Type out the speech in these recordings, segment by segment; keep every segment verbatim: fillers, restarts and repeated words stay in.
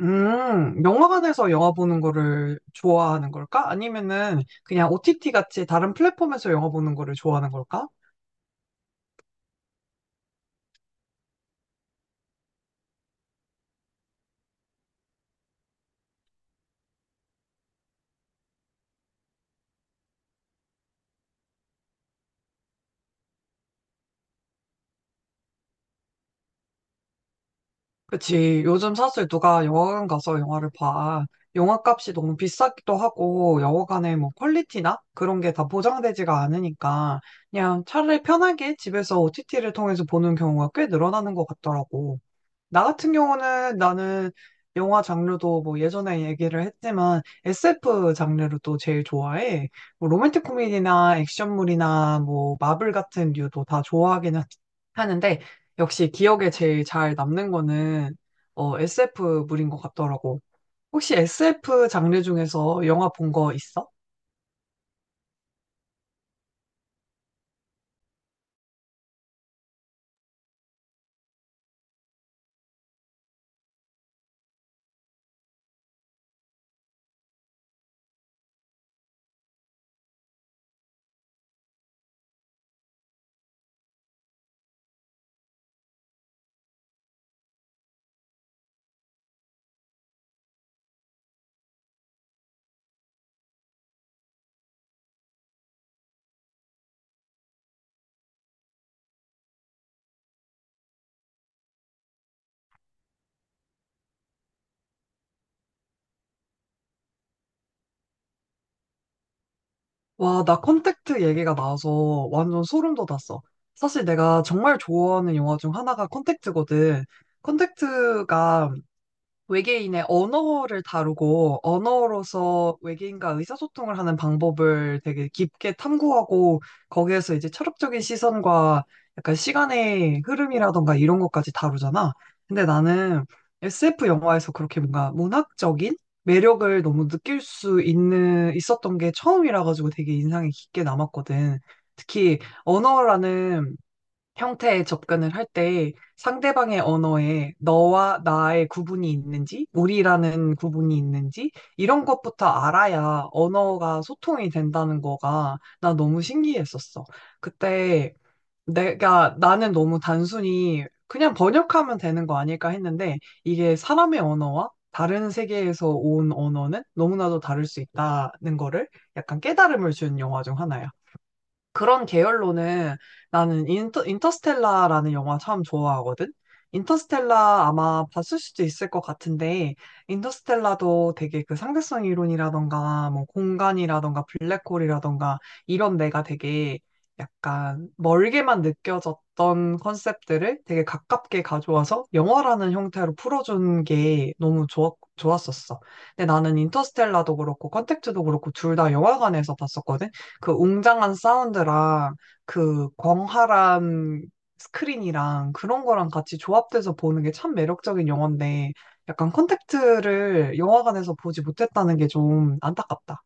음, 영화관에서 영화 보는 거를 좋아하는 걸까? 아니면은 그냥 오티티 같이 다른 플랫폼에서 영화 보는 거를 좋아하는 걸까? 그치. 요즘 사실 누가 영화관 가서 영화를 봐. 영화 값이 너무 비싸기도 하고, 영화관의 뭐 퀄리티나 그런 게 다 보장되지가 않으니까, 그냥 차라리 편하게 집에서 오티티를 통해서 보는 경우가 꽤 늘어나는 것 같더라고. 나 같은 경우는 나는 영화 장르도 뭐 예전에 얘기를 했지만 에스에프 장르를 또 제일 좋아해. 뭐 로맨틱 코미디나 액션물이나 뭐 마블 같은 류도 다 좋아하긴 하- 하는데 역시 기억에 제일 잘 남는 거는 어, 에스에프물인 것 같더라고. 혹시 에스에프 장르 중에서 영화 본 거 있어? 와, 나 컨택트 얘기가 나와서 완전 소름 돋았어. 사실 내가 정말 좋아하는 영화 중 하나가 컨택트거든. 컨택트가 외계인의 언어를 다루고 언어로서 외계인과 의사소통을 하는 방법을 되게 깊게 탐구하고 거기에서 이제 철학적인 시선과 약간 시간의 흐름이라던가 이런 것까지 다루잖아. 근데 나는 에스에프 영화에서 그렇게 뭔가 문학적인 매력을 너무 느낄 수 있는 있었던 게 처음이라 가지고 되게 인상이 깊게 남았거든. 특히 언어라는 형태의 접근을 할 때 상대방의 언어에 너와 나의 구분이 있는지, 우리라는 구분이 있는지, 이런 것부터 알아야 언어가 소통이 된다는 거가 나 너무 신기했었어. 그때 내가, 나는 너무 단순히 그냥 번역하면 되는 거 아닐까 했는데 이게 사람의 언어와 다른 세계에서 온 언어는 너무나도 다를 수 있다는 거를 약간 깨달음을 준 영화 중 하나야. 그런 계열로는 나는 인터, 인터스텔라라는 영화 참 좋아하거든? 인터스텔라 아마 봤을 수도 있을 것 같은데, 인터스텔라도 되게 그 상대성 이론이라던가, 뭐 공간이라던가, 블랙홀이라던가, 이런 내가 되게 약간 멀게만 느껴졌던 컨셉들을 되게 가깝게 가져와서 영화라는 형태로 풀어준 게 너무 좋았, 좋았었어. 근데 나는 인터스텔라도 그렇고, 컨택트도 그렇고, 둘 다 영화관에서 봤었거든? 그 웅장한 사운드랑 그 광활한 스크린이랑 그런 거랑 같이 조합돼서 보는 게 참 매력적인 영화인데 약간 컨택트를 영화관에서 보지 못했다는 게 좀 안타깝다.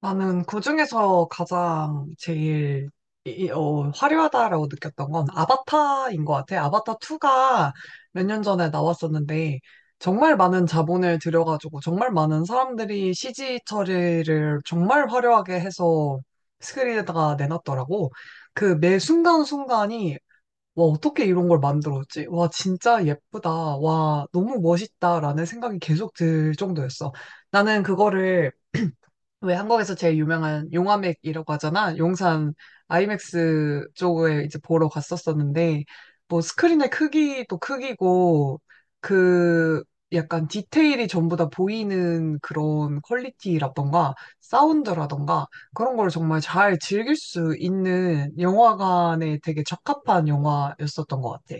나는 그중에서 가장 제일 이- 이- 어, 화려하다라고 느꼈던 건 아바타인 것 같아. 아바타 투가 몇 년 전에 나왔었는데 정말 많은 자본을 들여가지고 정말 많은 사람들이 씨지 처리를 정말 화려하게 해서 스크린에다가 내놨더라고. 그 매 순간순간이 와, 어떻게 이런 걸 만들었지? 와, 진짜 예쁘다. 와, 너무 멋있다라는 생각이 계속 들 정도였어. 나는 그거를 왜 한국에서 제일 유명한 용화맥이라고 하잖아. 용산 아이맥스 쪽에 이제 보러 갔었었는데 뭐 스크린의 크기도 크기고 그 약간 디테일이 전부 다 보이는 그런 퀄리티라던가 사운드라던가 그런 걸 정말 잘 즐길 수 있는 영화관에 되게 적합한 영화였었던 것 같아.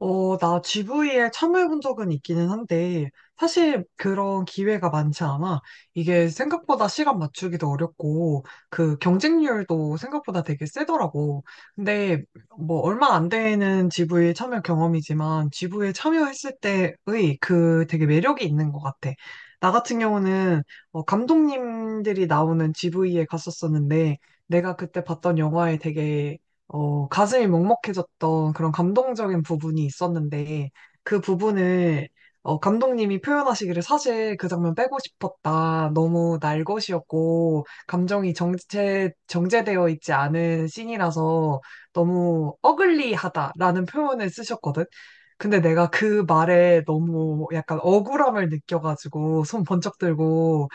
어, 나 지브이에 참여해본 적은 있기는 한데, 사실 그런 기회가 많지 않아. 이게 생각보다 시간 맞추기도 어렵고, 그 경쟁률도 생각보다 되게 세더라고. 근데 뭐 얼마 안 되는 지브이 참여 경험이지만, 지브이에 참여했을 때의 그 되게 매력이 있는 것 같아. 나 같은 경우는 어, 감독님들이 나오는 지브이에 갔었었는데, 내가 그때 봤던 영화에 되게 어, 가슴이 먹먹해졌던 그런 감동적인 부분이 있었는데, 그 부분을, 어, 감독님이 표현하시기를 사실 그 장면 빼고 싶었다. 너무 날 것이었고, 감정이 정체, 정제되어 있지 않은 씬이라서 너무 어글리하다라는 표현을 쓰셨거든. 근데 내가 그 말에 너무 약간 억울함을 느껴가지고, 손 번쩍 들고,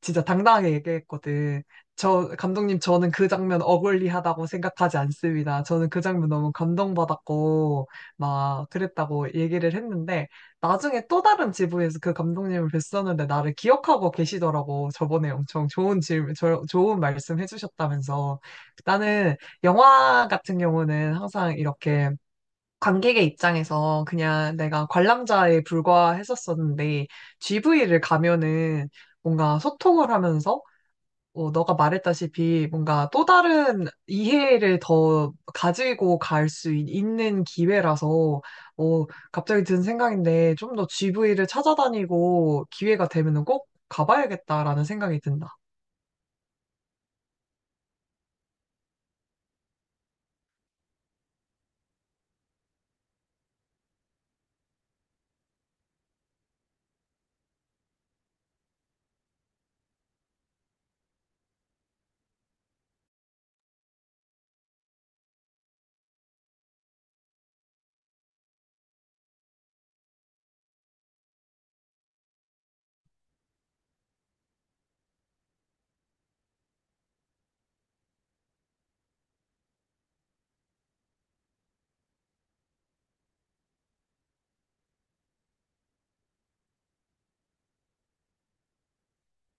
진짜 당당하게 얘기했거든. 저, 감독님, 저는 그 장면 어글리하다고 생각하지 않습니다. 저는 그 장면 너무 감동받았고, 막 그랬다고 얘기를 했는데, 나중에 또 다른 지부에서 그 감독님을 뵀었는데, 나를 기억하고 계시더라고. 저번에 엄청 좋은 질문, 저- 좋은 말씀 해주셨다면서. 나는 영화 같은 경우는 항상 이렇게 관객의 입장에서 그냥 내가 관람자에 불과했었었는데 지브이를 가면은 뭔가 소통을 하면서 어, 너가 말했다시피 뭔가 또 다른 이해를 더 가지고 갈 수 있는 기회라서 어, 갑자기 든 생각인데 좀 더 지브이를 찾아다니고 기회가 되면은 꼭 가봐야겠다라는 생각이 든다.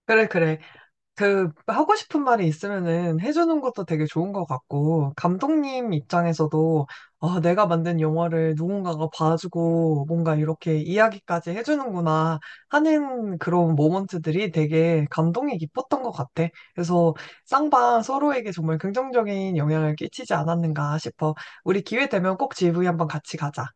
그래, 그래. 그 하고 싶은 말이 있으면은 해주는 것도 되게 좋은 것 같고 감독님 입장에서도 아 내가 만든 영화를 누군가가 봐주고 뭔가 이렇게 이야기까지 해주는구나 하는 그런 모먼트들이 되게 감동이 깊었던 것 같아. 그래서 쌍방 서로에게 정말 긍정적인 영향을 끼치지 않았는가 싶어. 우리 기회 되면 꼭 지브이 한번 같이 가자.